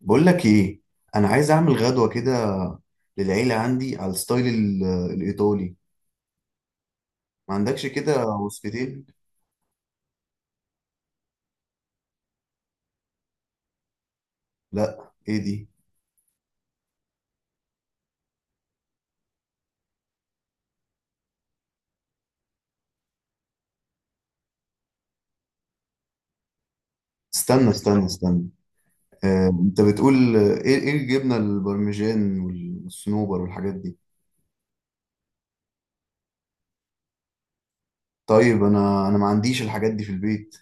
بقول لك ايه. انا عايز اعمل غدوه كده للعيله عندي على الستايل الايطالي. ما عندكش كده وصفتين؟ لا، ايه دي؟ استنى استنى استنى. انت بتقول، ايه الجبنه البارميجان والصنوبر والحاجات دي؟ طيب، انا ما عنديش الحاجات دي في البيت.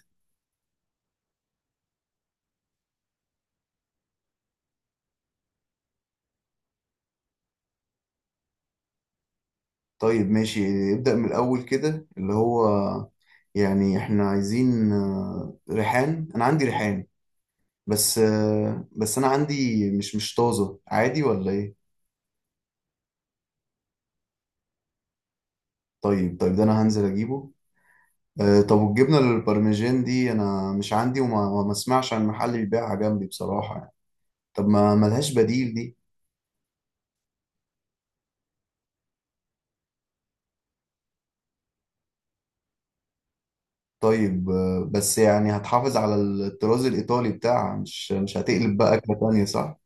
طيب ماشي، ابدأ من الاول كده اللي هو. يعني احنا عايزين، ريحان، انا عندي ريحان. بس، انا عندي مش طازه، عادي ولا ايه؟ طيب طيب، ده انا هنزل اجيبه. طب، والجبنه البارميجان دي انا مش عندي، وما ما اسمعش عن محل بيبيعها جنبي بصراحه يعني. طب، ما ملهاش بديل دي؟ طيب، بس يعني هتحافظ على الطراز الايطالي بتاعها، مش هتقلب بقى اكله تانية، صح؟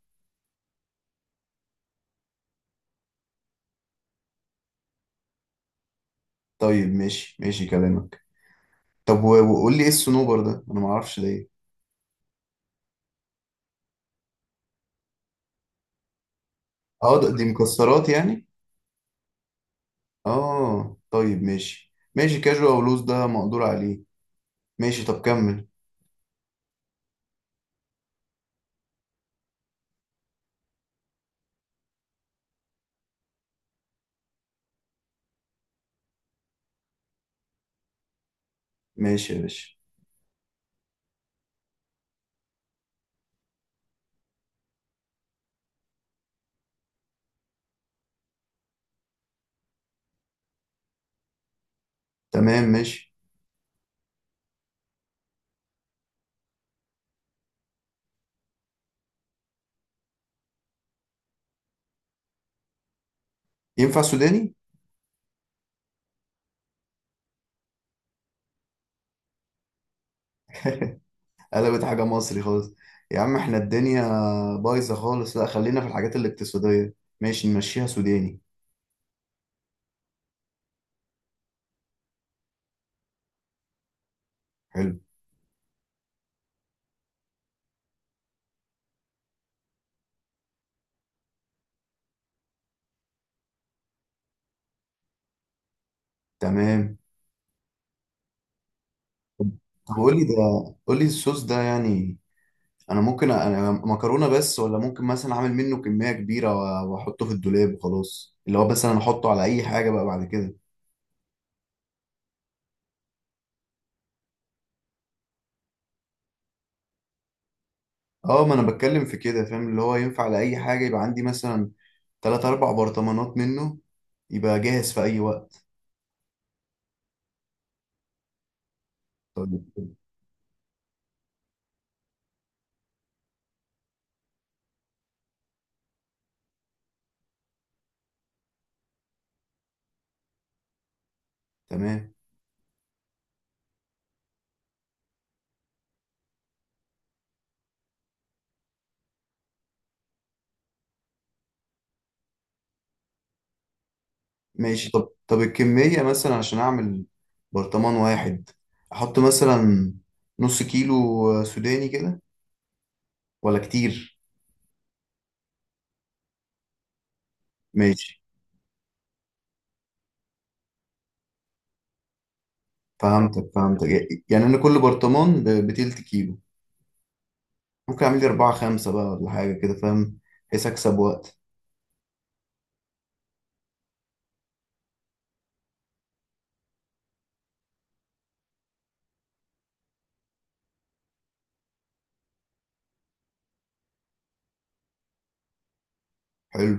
طيب ماشي ماشي كلامك. طب وقول لي، ايه الصنوبر ده، انا ما اعرفش ده ايه. اه، دي مكسرات يعني؟ اه طيب، ماشي ماشي كاجوال لوز ده مقدور عليه. ماشي، طب كمل. ماشي يا باشا. تمام ماشي. ينفع سوداني؟ قلبت حاجة مصري خالص. يا عم، احنا الدنيا بايظة خالص، لا خلينا في الحاجات الاقتصادية. ماشي، نمشيها سوداني. حلو. تمام. طب قول لي ده، قول لي الصوص ده يعني انا ممكن انا مكرونة بس، ولا ممكن مثلا اعمل منه كمية كبيرة واحطه في الدولاب وخلاص، اللي هو مثلا احطه على اي حاجة بقى بعد كده. اه، ما انا بتكلم في كده، فاهم، اللي هو ينفع على اي حاجة، يبقى عندي مثلا تلات اربع برطمانات منه، يبقى جاهز في اي وقت. طيب. تمام ماشي، طب الكمية مثلا عشان أعمل برطمان واحد، أحط مثلا نص كيلو سوداني كده، ولا كتير؟ ماشي. فهمتك فهمتك. يعني أنا كل برطمان بتلت كيلو، ممكن أعمل لي أربعة خمسة بقى ولا حاجة كده، فاهم، بحيث أكسب وقت. حلو.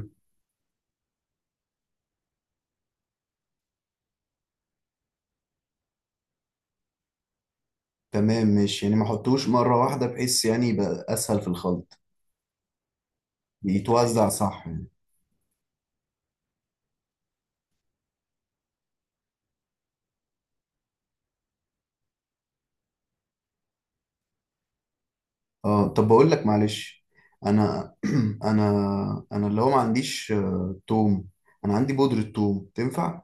تمام ماشي، يعني ما أحطوش مرة واحدة بحيث يعني يبقى أسهل في الخلط. يتوزع صح يعني. اه طب، بقول لك معلش. انا انا، انا اللي هو ما عنديش، توم. انا عندي بودرة توم، تنفع؟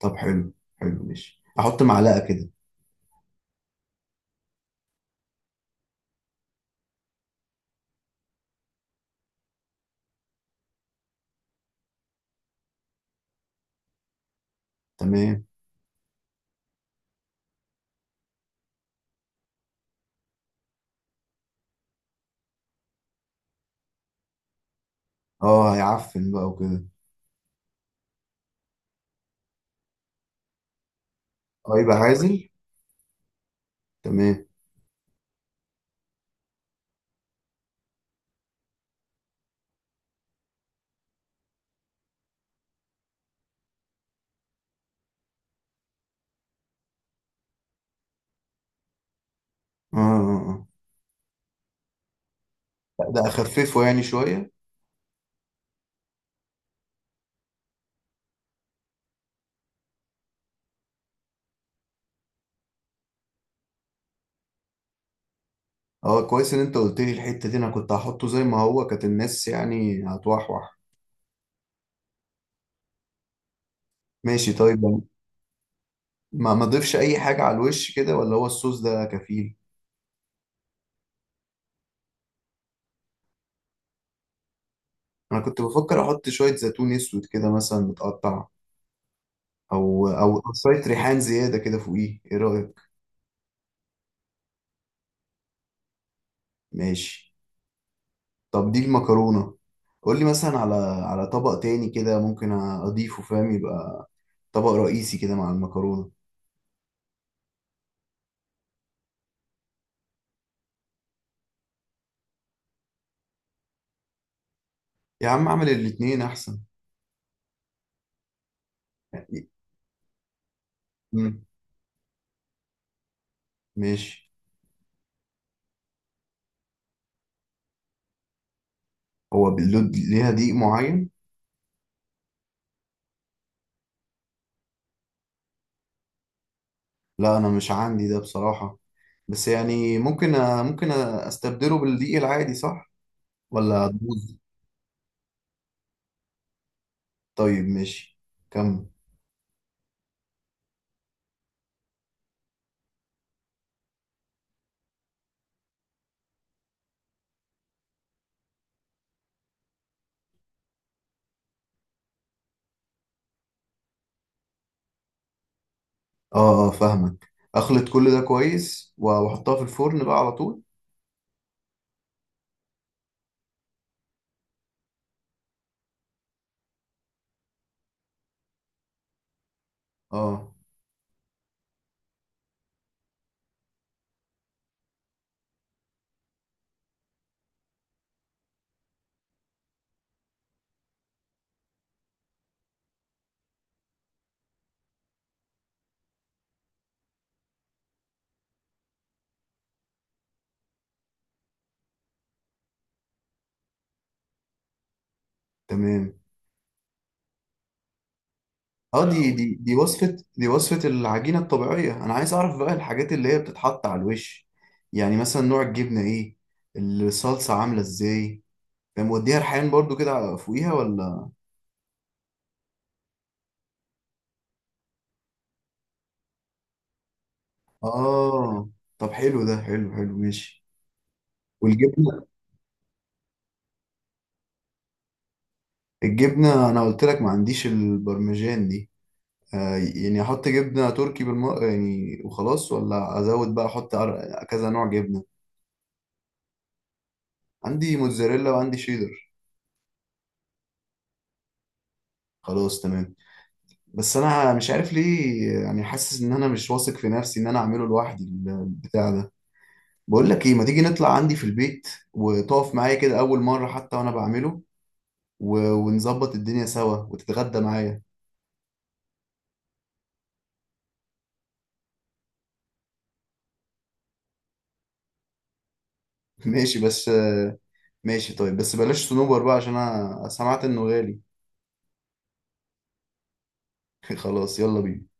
طب حلو. حلو ماشي، احط معلقة كده. تمام. اه، هيعفن بقى وكده. اه، يبقى عازل. تمام. اه اه اه. لا، ده اخففه يعني شوية. اه، كويس ان انت قلت لي الحتة دي، انا كنت هحطه زي ما هو، كانت الناس يعني هتوحوح. ماشي طيب. ما اضيفش اي حاجة على الوش كده، ولا هو الصوص ده كفيل؟ انا كنت بفكر احط شوية زيتون اسود كده مثلا متقطع، او شويه ريحان زياده كده فوقيه، ايه رايك؟ ماشي. طب دي المكرونه. قول لي مثلا على طبق تاني كده، ممكن اضيفه، فاهم، يبقى طبق رئيسي كده مع المكرونه. يا عم اعمل الاتنين احسن. يعني. مم، ماشي. هو باللود ليها دقيق معين؟ لا، انا مش عندي ده بصراحه، بس يعني ممكن استبدله بالدقيق العادي صح، ولا هتبوظ؟ طيب ماشي، كمل. اه اه، فاهمك، اخلط كل ده كويس واحطها في الفرن بقى على طول. اه. تمام. اه، دي وصفة، دي وصفة العجينة الطبيعية، انا عايز اعرف بقى الحاجات اللي هي بتتحط على الوش، يعني مثلا نوع الجبنة ايه، الصلصة عاملة ازاي، ده موديها ريحان برضو كده فوقيها ولا؟ اه. طب حلو ده، حلو حلو ماشي. والجبنة. الجبنة انا قلت لك ما عنديش البرمجان دي. يعني احط جبنة تركي يعني وخلاص، ولا ازود بقى، احط كذا نوع جبنة؟ عندي موتزاريلا وعندي شيدر. خلاص تمام. بس انا مش عارف ليه، يعني حاسس ان انا مش واثق في نفسي ان انا اعمله لوحدي البتاع ده. بقول لك ايه، ما تيجي نطلع عندي في البيت وتقف معايا كده اول مرة حتى وانا بعمله، ونظبط الدنيا سوا وتتغدى معايا. ماشي بس. ماشي طيب، بس بلاش صنوبر بقى عشان انا سمعت انه غالي. خلاص، يلا بينا.